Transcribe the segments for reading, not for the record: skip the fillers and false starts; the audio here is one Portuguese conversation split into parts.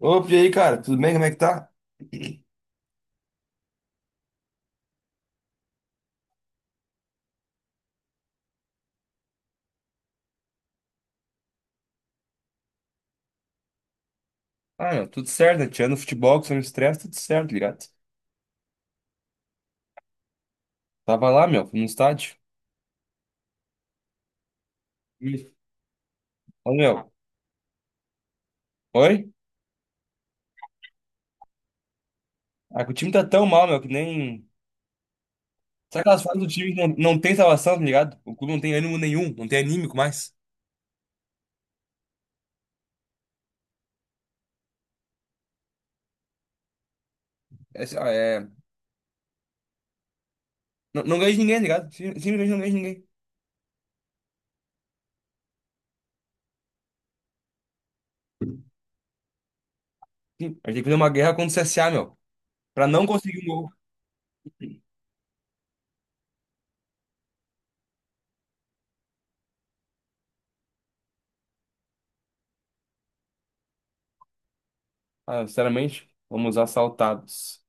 Opa, e aí, cara? Tudo bem? Como é que tá? Ah, meu, tudo certo, né? Tirando o futebol, que são estresse, tudo certo, ligado? Tava lá, meu, no estádio. Ih. Ô, meu. Oi? Ah, que o time tá tão mal, meu, que nem. Sabe aquelas fases do time que não tem salvação, tá ligado? O clube não tem ânimo nenhum, não tem anímico mais. É, assim, ó. Não, não ganha de ninguém, tá ligado? Simplesmente não ganha de ninguém. Sim, a gente tem que fazer uma guerra contra o CSA, meu, pra não conseguir um gol. Ah, sinceramente, fomos assaltados.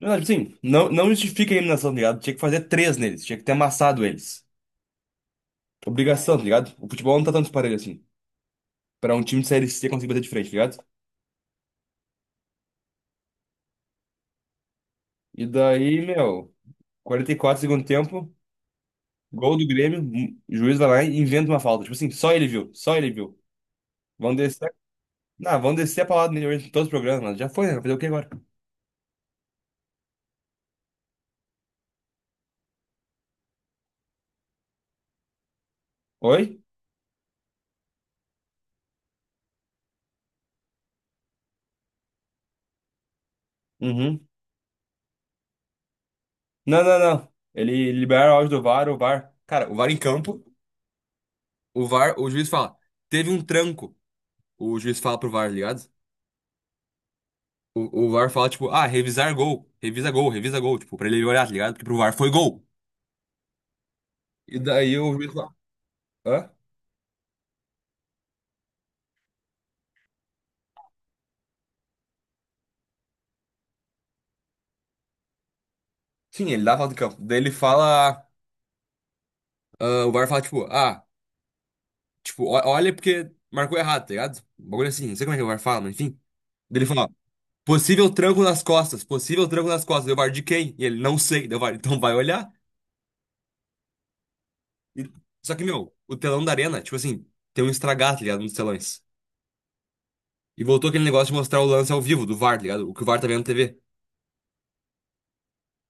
Não, sim, não justifica a eliminação, tá ligado? Tinha que fazer três neles, tinha que ter amassado eles. Obrigação, tá ligado? O futebol não tá tanto parelho assim. Pra um time de Série C conseguir bater de frente, tá ligado? E daí, meu, 44 segundo tempo, gol do Grêmio, o juiz vai lá e inventa uma falta. Tipo assim, só ele viu, só ele viu. Vão descer. Não, vão descer a palavra nele hoje em todos os programas, mas já foi, né? Vai fazer o que agora? Oi? Uhum. Não, não, não. Ele libera o áudio do VAR, o VAR. Cara, o VAR em campo, o VAR, o juiz fala, teve um tranco. O juiz fala pro VAR, tá ligado? O VAR fala, tipo, ah, revisar gol, revisa gol, revisa gol, tipo, pra ele olhar, tá ligado? Porque pro VAR foi gol. E daí o juiz fala, hã? Sim, ele dá falta de campo. Daí ele fala, ah, o VAR fala, tipo, ah, tipo, olha porque marcou errado, tá ligado? Um bagulho assim, não sei como é que o VAR fala, mas enfim. Daí ele fala, possível tranco nas costas, possível tranco nas costas. Deu VAR de quem? E ele, não sei. Deu VAR, então vai olhar. E- Só que, meu, o telão da arena, tipo assim, tem um estragado, tá ligado? Um dos telões. E voltou aquele negócio de mostrar o lance ao vivo do VAR, tá ligado? O que o VAR tá vendo na TV.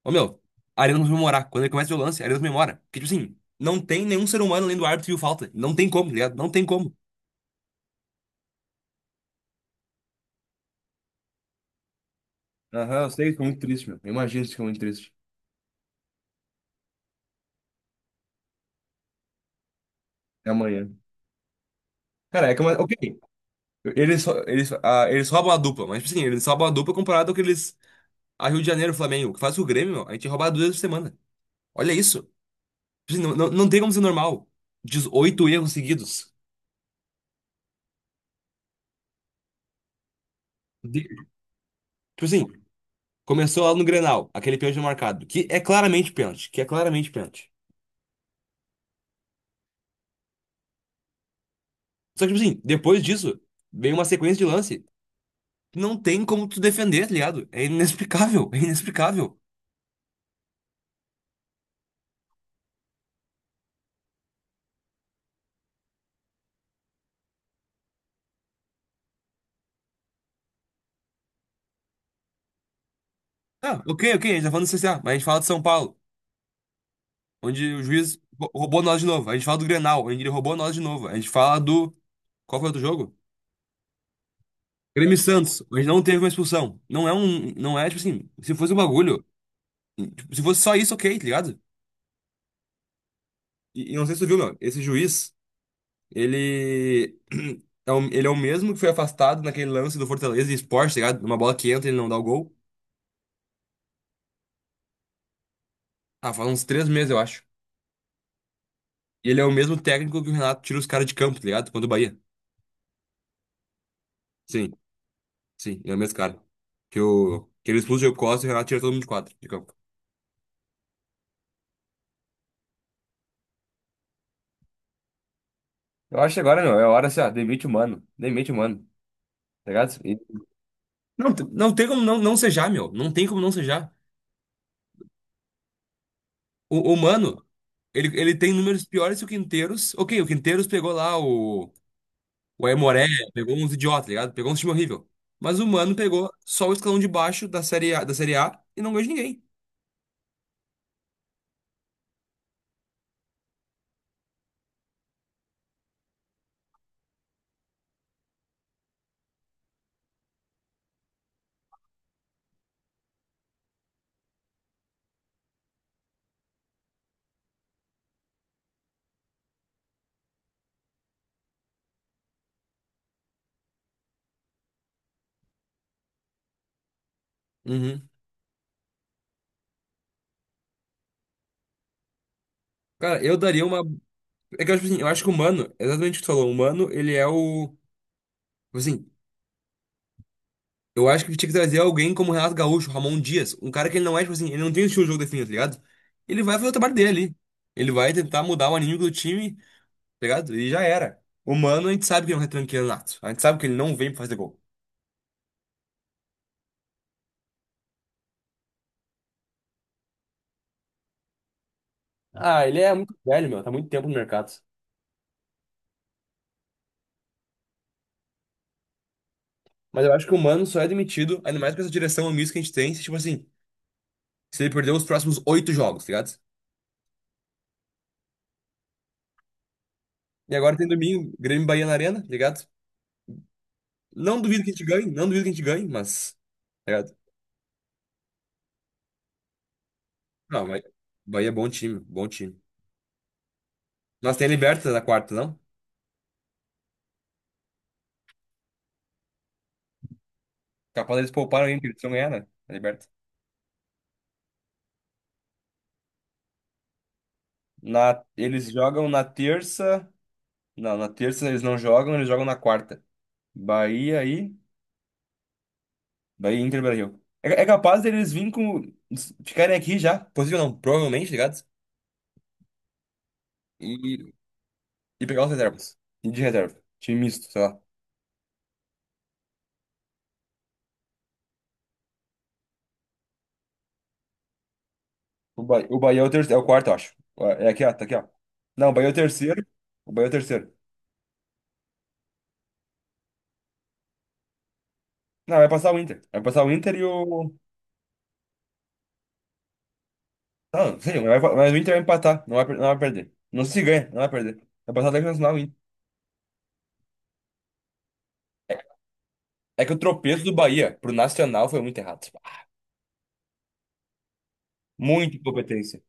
Ô, meu. Arenas memorar. Quando ele começa o lance, Arenas memora. Porque, tipo assim, não tem nenhum ser humano além do árbitro que viu falta. Não tem como, tá ligado? Não tem como. Aham, eu sei, ficou muito triste, meu. Eu imagino que ficou muito triste. É amanhã. Cara, é que, ok. Eles, só- eles, ah, eles roubam a dupla, mas, tipo assim, eles roubam a dupla comparado ao que eles. A Rio de Janeiro, Flamengo. O que faz com o Grêmio, meu? A gente rouba duas vezes por semana. Olha isso. Tipo assim, não tem como ser normal. Dezoito erros seguidos. De- tipo assim, começou lá no Grenal, aquele pênalti marcado, que é claramente pênalti, que é claramente pênalti. Só que, tipo assim, depois disso, vem uma sequência de lance que não tem como tu defender, tá ligado? É inexplicável, é inexplicável. Ah, ok, ok, a gente tá falando do CSA, mas a gente fala de São Paulo, onde o juiz roubou nós de novo. A gente fala do Grenal, onde ele roubou nós de novo. A gente fala do. Qual foi o outro jogo? Grêmio e Santos, onde não teve uma expulsão. Não é um. Não é, tipo assim, se fosse um bagulho. Tipo, se fosse só isso, ok, tá ligado? E não sei se tu viu, meu, esse juiz, ele. Ele é o mesmo que foi afastado naquele lance do Fortaleza e Sport, tá ligado? Uma bola que entra, ele não dá o gol. Ah, faz uns 3 meses, eu acho. E ele é o mesmo técnico que o Renato tira os caras de campo, tá ligado? Quando o Bahia. Sim, sim, ele é o mesmo cara. Que ele expulsa o Diego Costa e o Renato tira todo mundo de quadro, de campo. Eu acho que agora, meu, é a hora assim, ó, demite o mano. Demite o mano, tá ligado? Não, não tem como não, sejar, meu. Não tem como não sejar. O Mano, ele tem números piores que o Quinteiros. Ok, o Quinteiros pegou lá o Aimoré, pegou uns idiotas, tá ligado? Pegou um time horrível. Mas o Mano pegou só o escalão de baixo da Série A e não ganhou de ninguém. Uhum. Cara, eu daria uma. É que eu acho assim, eu acho que o Mano, exatamente o que tu falou, o Mano, ele é o. Tipo assim, eu acho que tinha que trazer alguém como Renato Gaúcho, Ramon Dias, um cara que ele não é, tipo assim, ele não tem o estilo de jogo definido, tá ligado? Ele vai fazer o trabalho dele ali. Ele vai tentar mudar o anímico do time, tá ligado? E já era. O Mano, a gente sabe que ele é um retranqueiro nato. A gente sabe que ele não vem pra fazer gol. Ah, ele é muito velho, meu, tá muito tempo no mercado. Mas eu acho que o Mano só é demitido, ainda mais com essa direção omissa que a gente tem, se, tipo assim, se ele perder os próximos oito jogos, tá ligado? E agora tem domingo, Grêmio e Bahia na Arena, tá ligado? Não duvido que a gente ganhe, não duvido que a gente ganhe, mas. Tá ligado? Não, mas. Bahia é bom time, bom time. Nós tem a Liberta na quarta, não? Capaz eles pouparam ainda, porque eles vão ganhar, né? A Liberta. Na. Eles jogam na terça. Não, na terça eles não jogam, eles jogam na quarta. Bahia e. Bahia e Inter Brasil. É capaz deles virem com. Ficarem aqui já. Possível não, provavelmente, tá ligado? E, e pegar os reservas. E de reserva. Time misto, sei lá. O Bahia é o, terceiro, é o quarto, eu acho. É aqui, ó, tá aqui, ó. Não, o Bahia é o terceiro. O Bahia é o terceiro. Não, vai passar o Inter. Vai passar o Inter e o. Não, não sei, mas o Inter vai empatar. Não vai, não vai perder. Não se ganha, não vai perder. Vai passar até o Nacional, o Inter. É, é que o tropeço do Bahia pro Nacional foi muito errado. Muita incompetência.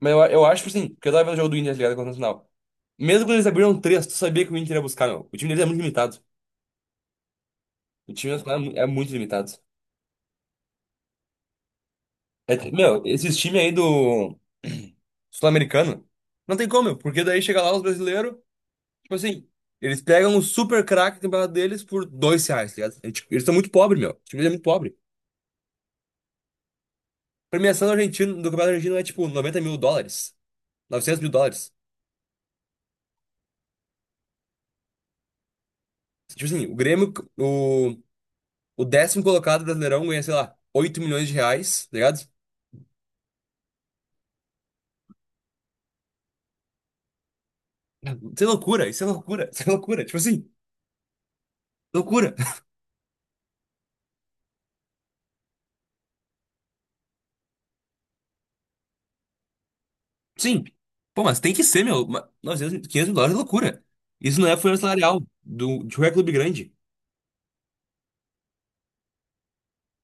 Mas eu acho, tipo assim, porque eu tava vendo o jogo do Inter tá ligado contra o Nacional. Mesmo quando eles abriram três, tu sabia que o Inter ia buscar, meu. O time deles é muito limitado. O time nacional é é muito limitado. É, meu, esses times aí do. Sul-Americano? Não tem como, porque daí chega lá os brasileiros, tipo assim, eles pegam o super craque do campeonato deles por R$ 2, tá ligado? É, tipo, eles são muito pobres, meu. O time é muito pobre. A premiação do argentino, do campeonato argentino é tipo US$ 90 mil, US$ 900 mil. Tipo assim, o Grêmio, o, o décimo colocado do brasileirão ganha, sei lá, R$ 8 milhões, tá ligado? Isso é loucura, isso é loucura, isso é loucura. Tipo assim, loucura. Sim. Pô, mas tem que ser, meu. 900, US$ 500 mil é loucura. Isso não é folha salarial do, de qualquer clube grande.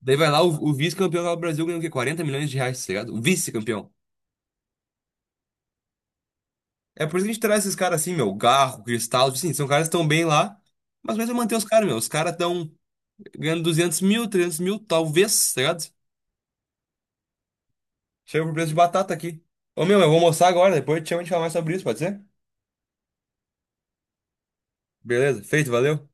Daí vai lá, o vice-campeão lá do Brasil ganhando o quê? R$ 40 milhões, tá ligado? O vice-campeão. É por isso que a gente traz esses caras assim, meu. Garro, Cristal, assim, são caras que estão bem lá, mas vai manter os caras, meu. Os caras estão ganhando 200 mil, 300 mil, talvez, tá ligado? Chega pro preço de batata aqui. Ô, meu, eu vou almoçar agora, depois eu te chamo e a gente fala mais sobre isso, pode ser? Beleza, feito, valeu.